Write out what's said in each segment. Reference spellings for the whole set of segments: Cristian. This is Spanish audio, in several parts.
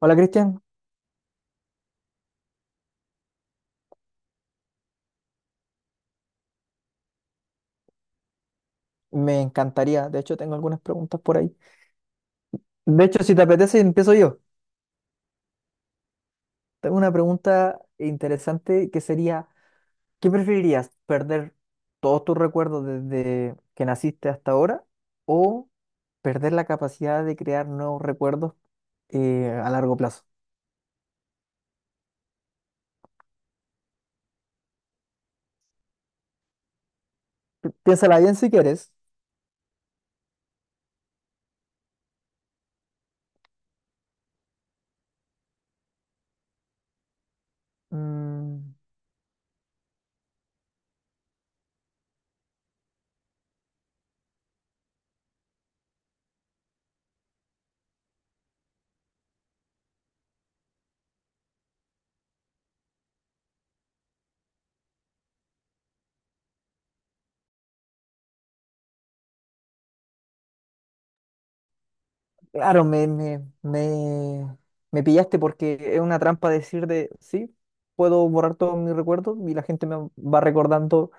Hola Cristian, me encantaría. De hecho, tengo algunas preguntas por ahí. De hecho, si te apetece, empiezo yo. Tengo una pregunta interesante que sería, ¿qué preferirías? ¿Perder todos tus recuerdos desde que naciste hasta ahora o perder la capacidad de crear nuevos recuerdos a largo plazo? Piénsala bien si quieres. Mm. Claro, me pillaste porque es una trampa decir de, sí, puedo borrar todos mis recuerdos y la gente me va recordando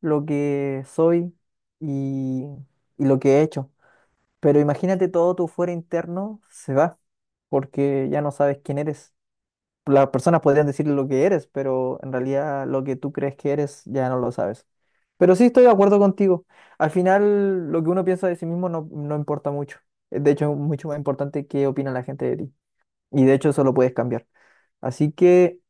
lo que soy y, y lo que he hecho. Pero imagínate todo tu fuera interno se va porque ya no sabes quién eres, las personas podrían decir lo que eres, pero en realidad lo que tú crees que eres ya no lo sabes. Pero sí estoy de acuerdo contigo. Al final, lo que uno piensa de sí mismo no importa mucho. De hecho, es mucho más importante qué opina la gente de ti. Y de hecho, eso lo puedes cambiar. Así que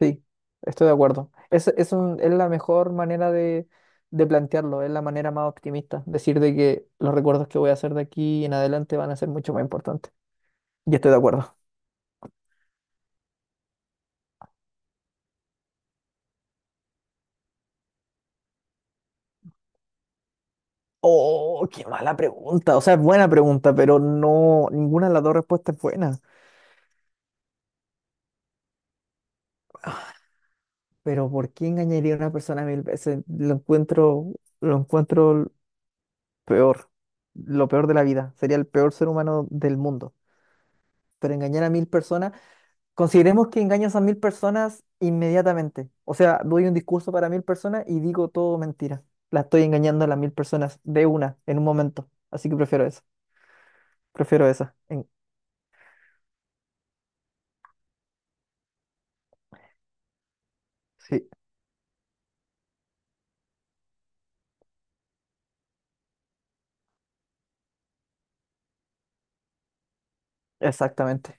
sí, estoy de acuerdo. Es la mejor manera de plantearlo, es la manera más optimista. Decir de que los recuerdos que voy a hacer de aquí en adelante van a ser mucho más importantes. Y estoy de acuerdo. Oh, qué mala pregunta. O sea, es buena pregunta, pero no, ninguna de las dos respuestas es buena. Pero ¿por qué engañaría a una persona mil veces? Lo encuentro peor, lo peor de la vida. Sería el peor ser humano del mundo. Pero engañar a mil personas, consideremos que engañas a mil personas inmediatamente. O sea, doy un discurso para mil personas y digo todo mentira. La estoy engañando a las mil personas de una, en un momento. Así que prefiero eso. Prefiero esa. Sí, exactamente.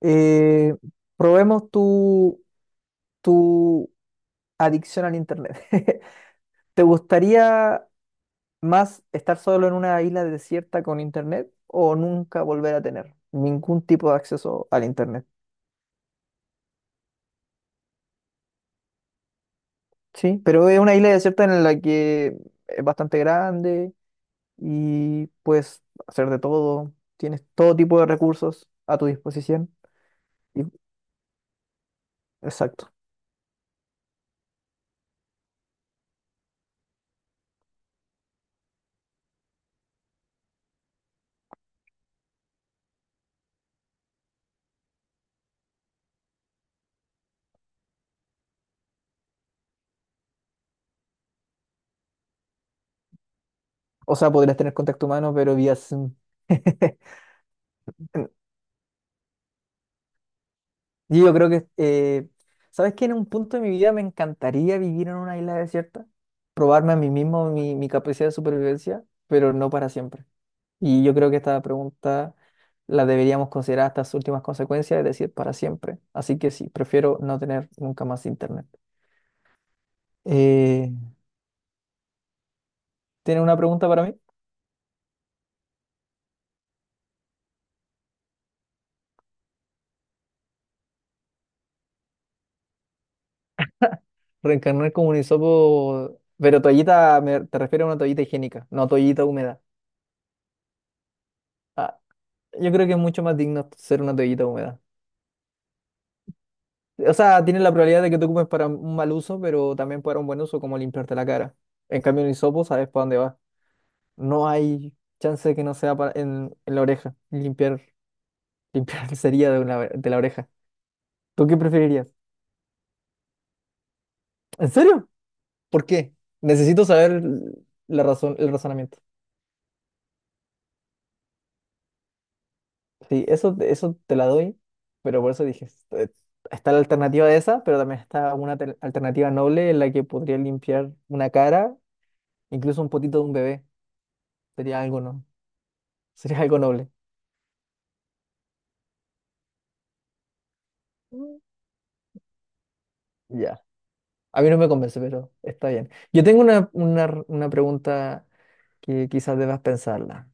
Eh, probemos tu adicción al internet. ¿Te gustaría más estar solo en una isla desierta con internet o nunca volver a tener ningún tipo de acceso al internet? Sí, pero es una isla desierta en la que es bastante grande y puedes hacer de todo, tienes todo tipo de recursos a tu disposición. Y- exacto. O sea, podrías tener contacto humano, pero vía Zoom. Y yo creo que, ¿sabes qué? En un punto de mi vida me encantaría vivir en una isla desierta, probarme a mí mismo mi capacidad de supervivencia, pero no para siempre. Y yo creo que esta pregunta la deberíamos considerar hasta sus últimas consecuencias, es decir, para siempre. Así que sí, prefiero no tener nunca más internet. Eh, ¿Tienes una pregunta para mí? Reencarnar como un hisopo, pero toallita, te refiero a una toallita higiénica, no toallita húmeda. Ah, yo creo que es mucho más digno ser una toallita húmeda. O sea, tiene la probabilidad de que tú ocupes para un mal uso, pero también para un buen uso, como limpiarte la cara. En cambio, un hisopo sabes para dónde va. No hay chance de que no sea en la oreja. Limpiar sería de, de la oreja. ¿Tú qué preferirías? ¿En serio? ¿Por qué? Necesito saber la razón, el razonamiento. Sí, eso te la doy, pero por eso dije, está la alternativa de esa, pero también está una alternativa noble en la que podría limpiar una cara, incluso un potito de un bebé. Sería algo, ¿no? Sería algo noble. Mm. Ya, a mí no me convence, pero está bien. Yo tengo una pregunta que quizás debas pensarla.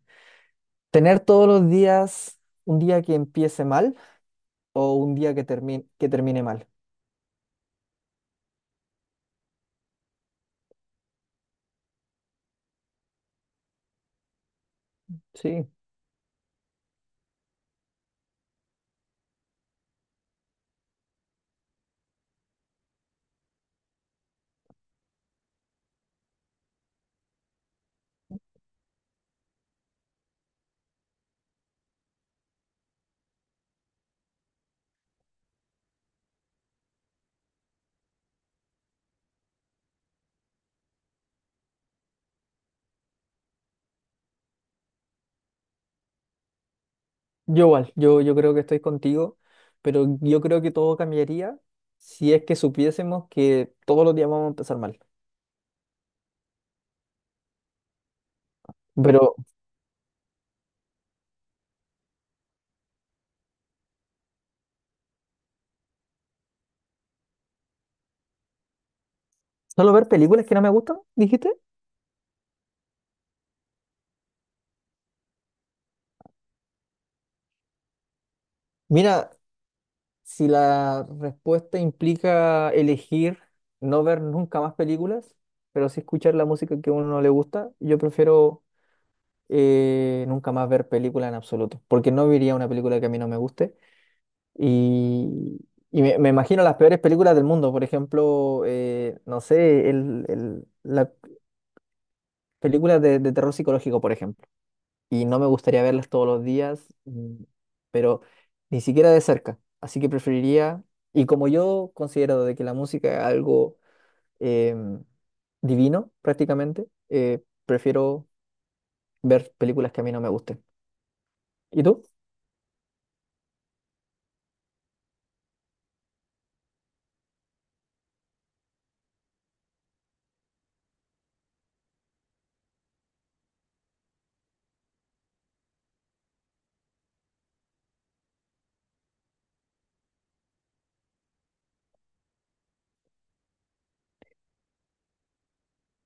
¿Tener todos los días un día que empiece mal o un día que termine mal? Sí, yo igual, yo creo que estoy contigo, pero yo creo que todo cambiaría si es que supiésemos que todos los días vamos a empezar mal. Pero, ¿solo ver películas que no me gustan, dijiste? Mira, si la respuesta implica elegir no ver nunca más películas, pero sí escuchar la música que a uno no le gusta, yo prefiero nunca más ver películas en absoluto, porque no vería una película que a mí no me guste. Y, y me imagino las peores películas del mundo, por ejemplo, no sé, la película de terror psicológico, por ejemplo, y no me gustaría verlas todos los días, pero ni siquiera de cerca. Así que preferiría, y como yo considero de que la música es algo em, divino prácticamente, prefiero ver películas que a mí no me gusten. ¿Y tú?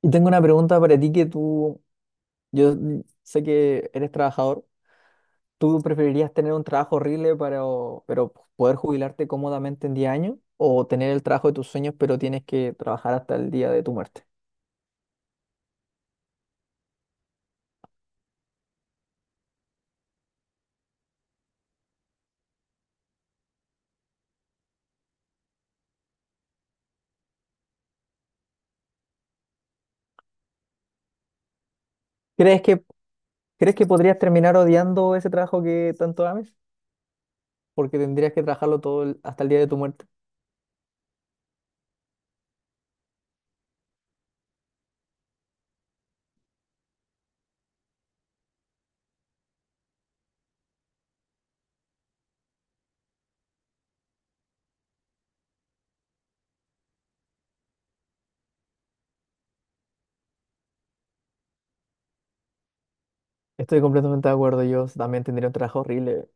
Y tengo una pregunta para ti que tú, yo sé que eres trabajador. ¿Tú preferirías tener un trabajo horrible pero poder jubilarte cómodamente en 10 años? ¿O tener el trabajo de tus sueños pero tienes que trabajar hasta el día de tu muerte? ¿Crees que ¿Crees que podrías terminar odiando ese trabajo que tanto ames? Porque tendrías que trabajarlo hasta el día de tu muerte. Estoy completamente de acuerdo. Yo también tendría un trabajo horrible,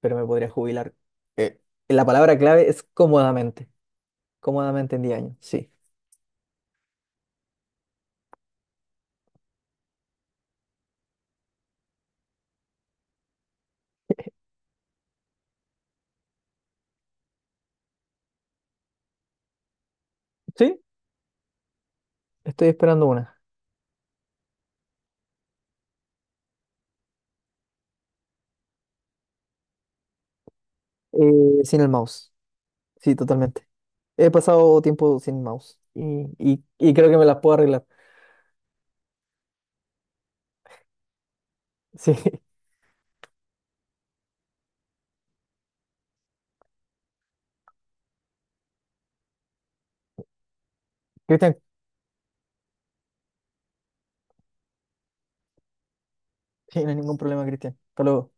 pero me podría jubilar. Eh, la palabra clave es cómodamente. Cómodamente en 10 años. Sí. Sí, estoy esperando una. Sin el mouse. Sí, totalmente. He pasado tiempo sin mouse. Y creo que me las puedo arreglar. Sí. Cristian, sí, no hay ningún problema, Cristian. Hasta luego.